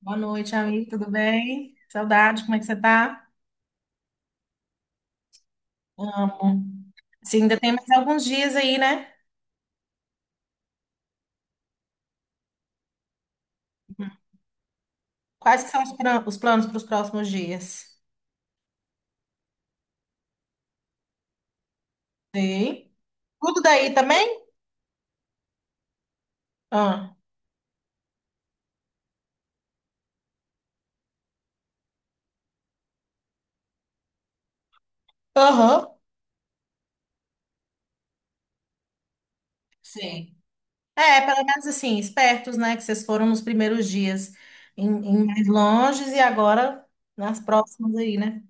Boa noite, amigo. Tudo bem? Saudade, como é que você tá? Amo. Sim, ainda tem mais alguns dias aí, né? Uhum. Quais que são os, os planos para os próximos dias? Sim. Tudo daí também? Ah. Aham. Sim. É, pelo menos assim, espertos, né? Que vocês foram nos primeiros dias em mais longes e agora nas próximas aí, né?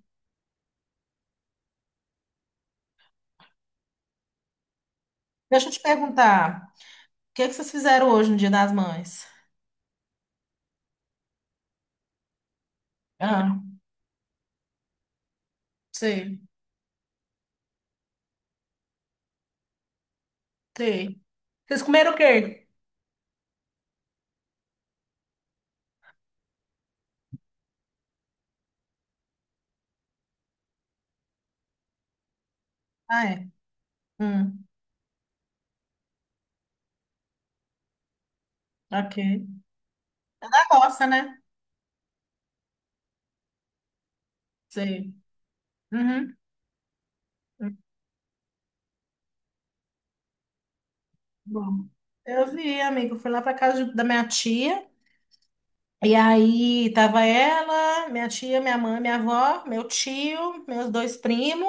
Deixa eu te perguntar, o que é que vocês fizeram hoje no Dia das Mães? Ah, sei, sei. Vocês comeram o quê? Ah, é. Hum. Ok. Da roça, né? Sei. Uhum. Muito bom. Eu vi, amigo. Fui lá pra da minha tia. E aí tava ela, minha tia, minha mãe, minha avó, meu tio, meus dois primos,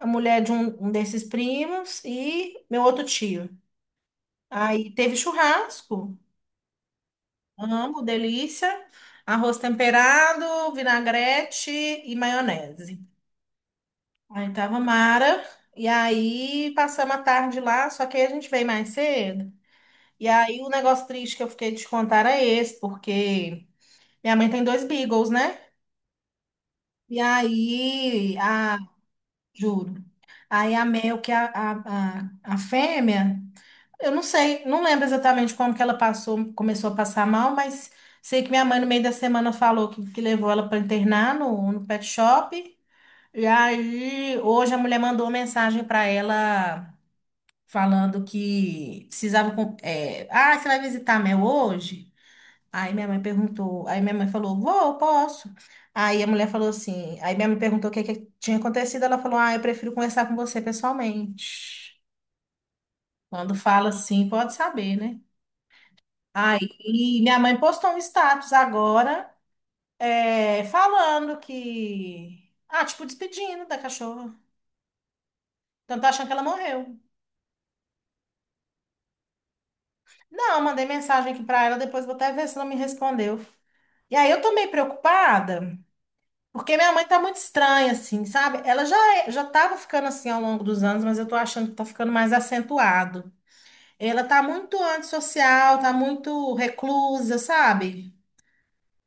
a mulher de um desses primos e meu outro tio. Aí teve churrasco. Amo, delícia. Arroz temperado, vinagrete e maionese. Aí tava Mara. E aí passamos a tarde lá, só que aí a gente veio mais cedo. E aí o negócio triste que eu fiquei de te contar é esse, porque minha mãe tem dois Beagles, né? E aí, a, juro. Aí a Mel, que é a fêmea, eu não sei, não lembro exatamente como que ela passou, começou a passar mal, mas sei que minha mãe no meio da semana falou que levou ela para internar no pet shop. E aí, hoje a mulher mandou uma mensagem para ela falando que precisava. É, ah, você vai visitar a Mel hoje? Aí minha mãe perguntou, aí minha mãe falou, vou, posso? Aí a mulher falou assim, aí minha mãe perguntou o que tinha acontecido, ela falou, ah, eu prefiro conversar com você pessoalmente. Quando fala assim, pode saber, né? Aí e minha mãe postou um status agora, é, falando que, ah, tipo, despedindo da cachorra. Então tá achando que ela morreu. Não, eu mandei mensagem aqui pra ela, depois vou até ver se ela me respondeu. E aí eu tô meio preocupada, porque minha mãe tá muito estranha, assim, sabe? Ela já, já tava ficando assim ao longo dos anos, mas eu tô achando que tá ficando mais acentuado. Ela tá muito antissocial, tá muito reclusa, sabe?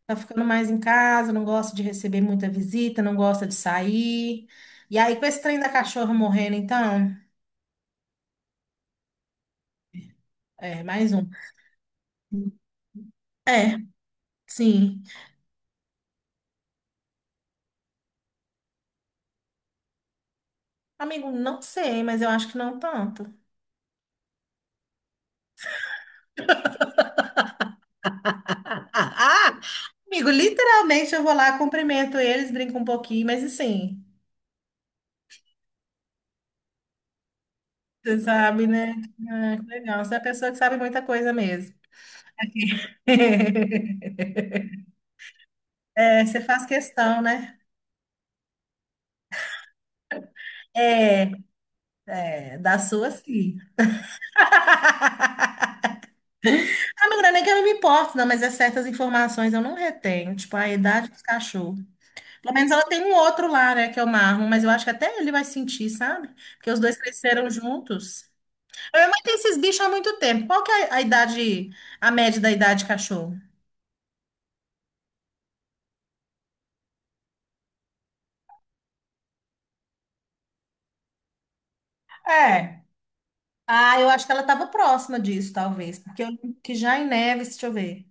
Tá ficando mais em casa, não gosta de receber muita visita, não gosta de sair. E aí, com esse trem da cachorra morrendo, então, é, mais um. É, sim. Amigo, não sei, mas eu acho que não tanto. Ah, ah, ah! Amigo, literalmente eu vou lá, cumprimento eles, brinco um pouquinho, mas assim. Você sabe, né? Ah, que legal. Você é uma pessoa que sabe muita coisa mesmo. É, você faz questão, né? É, é, da sua, sim. Amigo, não é nem que eu não me importo, não, mas é certas informações eu não retenho, tipo a idade dos cachorros. Pelo menos ela tem um outro lá, né, que é o Marlon, mas eu acho que até ele vai sentir, sabe? Porque os dois cresceram juntos. A minha mãe tem esses bichos há muito tempo. Qual que é a idade, a média da idade de cachorro? É, ah, eu acho que ela estava próxima disso, talvez. Porque eu lembro que já em Neves, deixa eu ver.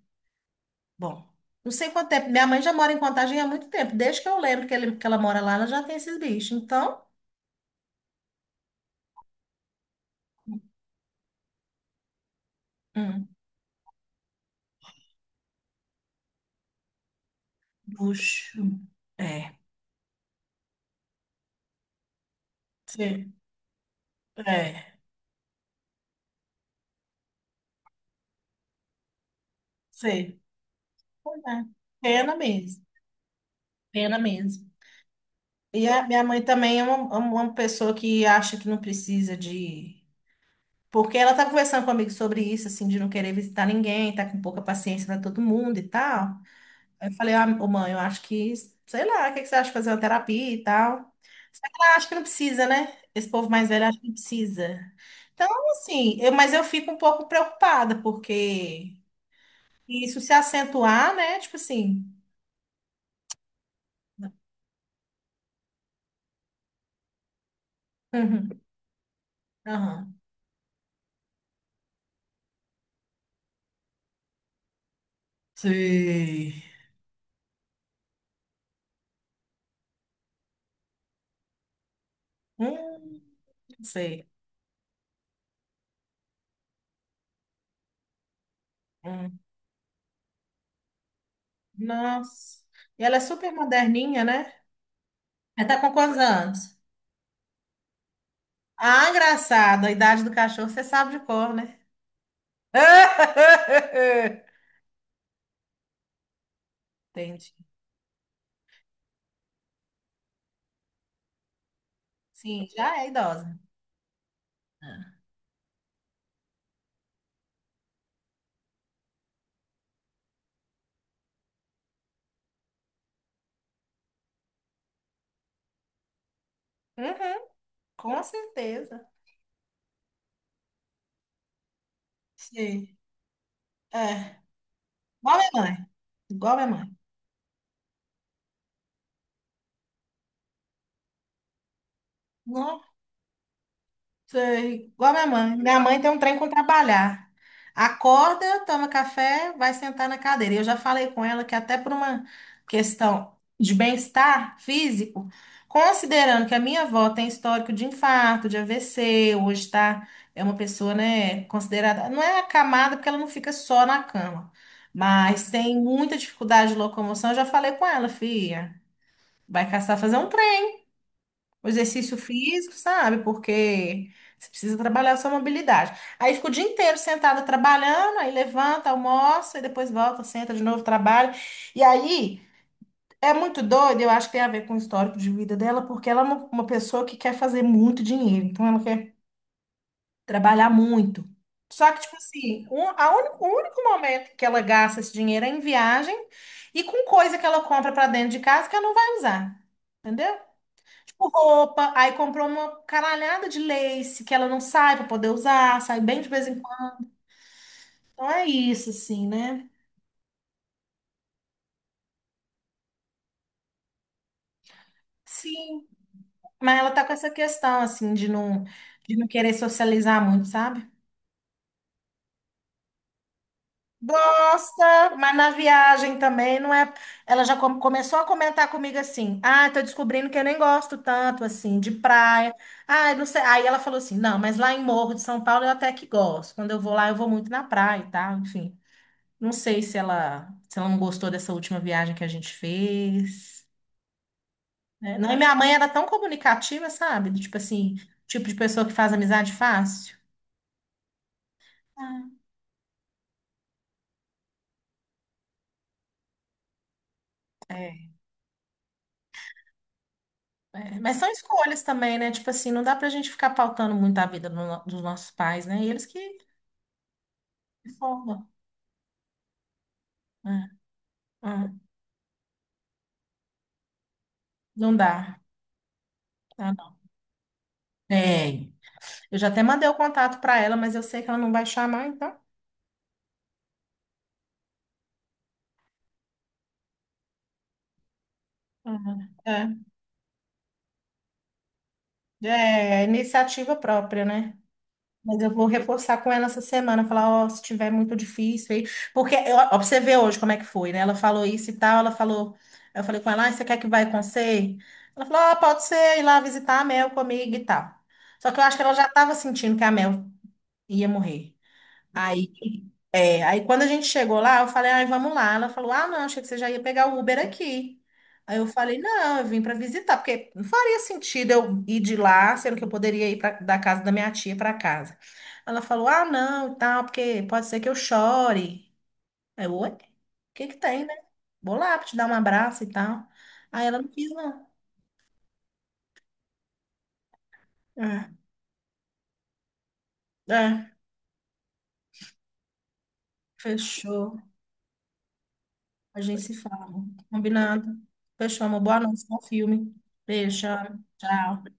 Bom, não sei quanto tempo. Minha mãe já mora em Contagem há muito tempo. Desde que eu lembro que ela mora lá, ela já tem esses bichos. Então, hum, bucho. É, sei. É, sei. Pois é. Pena mesmo. Pena mesmo. E a minha mãe também é uma pessoa que acha que não precisa de. Porque ela tá conversando comigo sobre isso, assim, de não querer visitar ninguém, tá com pouca paciência para todo mundo e tal. Aí eu falei, ah, ô, mãe, eu acho que, sei lá, o que que você acha de fazer uma terapia e tal? Só que ela acha que não precisa, né? Esse povo mais velho acha que não precisa. Então, assim, eu, mas eu fico um pouco preocupada, porque isso se acentuar, né? Tipo assim. Uhum, aham. Sei. Hum, sei. Hum, nossa. E ela é super moderninha, né? Ela tá com quantos anos? Ah, engraçado. A idade do cachorro você sabe de cor, né? Entendi. Sim, já é idosa. É. Uhum, com certeza. Sim. É. Igual minha mãe. Igual minha mãe. Sei. Igual minha mãe. Minha mãe tem um trem com trabalhar. Acorda, toma café, vai sentar na cadeira. Eu já falei com ela que até por uma questão de bem-estar físico, considerando que a minha avó tem histórico de infarto, de AVC, hoje tá, é uma pessoa, né, considerada, não é acamada porque ela não fica só na cama, mas tem muita dificuldade de locomoção. Eu já falei com ela, filha, vai caçar fazer o exercício físico, sabe? Porque você precisa trabalhar a sua mobilidade. Aí fica o dia inteiro sentada trabalhando, aí levanta, almoça, e depois volta, senta de novo, trabalha. E aí é muito doido, eu acho que tem a ver com o histórico de vida dela, porque ela é uma pessoa que quer fazer muito dinheiro, então ela quer trabalhar muito. Só que, tipo assim, o único momento que ela gasta esse dinheiro é em viagem e com coisa que ela compra para dentro de casa que ela não vai usar. Entendeu? Tipo roupa, aí comprou uma caralhada de lace que ela não sai pra poder usar, sai bem de vez em quando. Então é isso, assim, né? Sim, mas ela tá com essa questão, assim, de não querer socializar muito, sabe? Gosta, mas na viagem também não é. Ela já começou a comentar comigo assim: ah, tô descobrindo que eu nem gosto tanto, assim, de praia. Ah, não sei. Aí ela falou assim: não, mas lá em Morro de São Paulo eu até que gosto. Quando eu vou lá, eu vou muito na praia e tal, enfim. Não sei se ela, se ela não gostou dessa última viagem que a gente fez. Né? Não, e minha mãe era tão comunicativa, sabe? Do tipo assim, tipo de pessoa que faz amizade fácil. Ah, é. É. Mas são escolhas também, né? Tipo assim, não dá pra gente ficar pautando muito a vida do no- dos nossos pais, né? E eles que formam. É, é. Não dá. Ah, não. Tem. Eu já até mandei o contato pra ela, mas eu sei que ela não vai chamar, então. Uhum. É, é iniciativa própria, né? Mas eu vou reforçar com ela essa semana, falar, ó, se tiver muito difícil aí, porque eu, ó, pra você ver hoje como é que foi, né? Ela falou isso e tal, ela falou, eu falei com ela, ah, você quer que vai com você? Ela falou, ó, pode ser ir lá visitar a Mel comigo e tal. Só que eu acho que ela já estava sentindo que a Mel ia morrer. É, aí quando a gente chegou lá, eu falei, ai, vamos lá. Ela falou, ah, não, achei que você já ia pegar o Uber aqui. Aí eu falei, não, eu vim para visitar, porque não faria sentido eu ir de lá, sendo que eu poderia ir pra, da casa da minha tia para casa. Ela falou, ah, não, e tal, porque pode ser que eu chore. Aí eu, oi, o que que tem, né? Vou lá pra te dar um abraço e tal. Aí ela não quis, não. É, é, fechou. A gente se fala, combinado. Fechou, amor. Boa noite, bom filme. Beijo, tchau.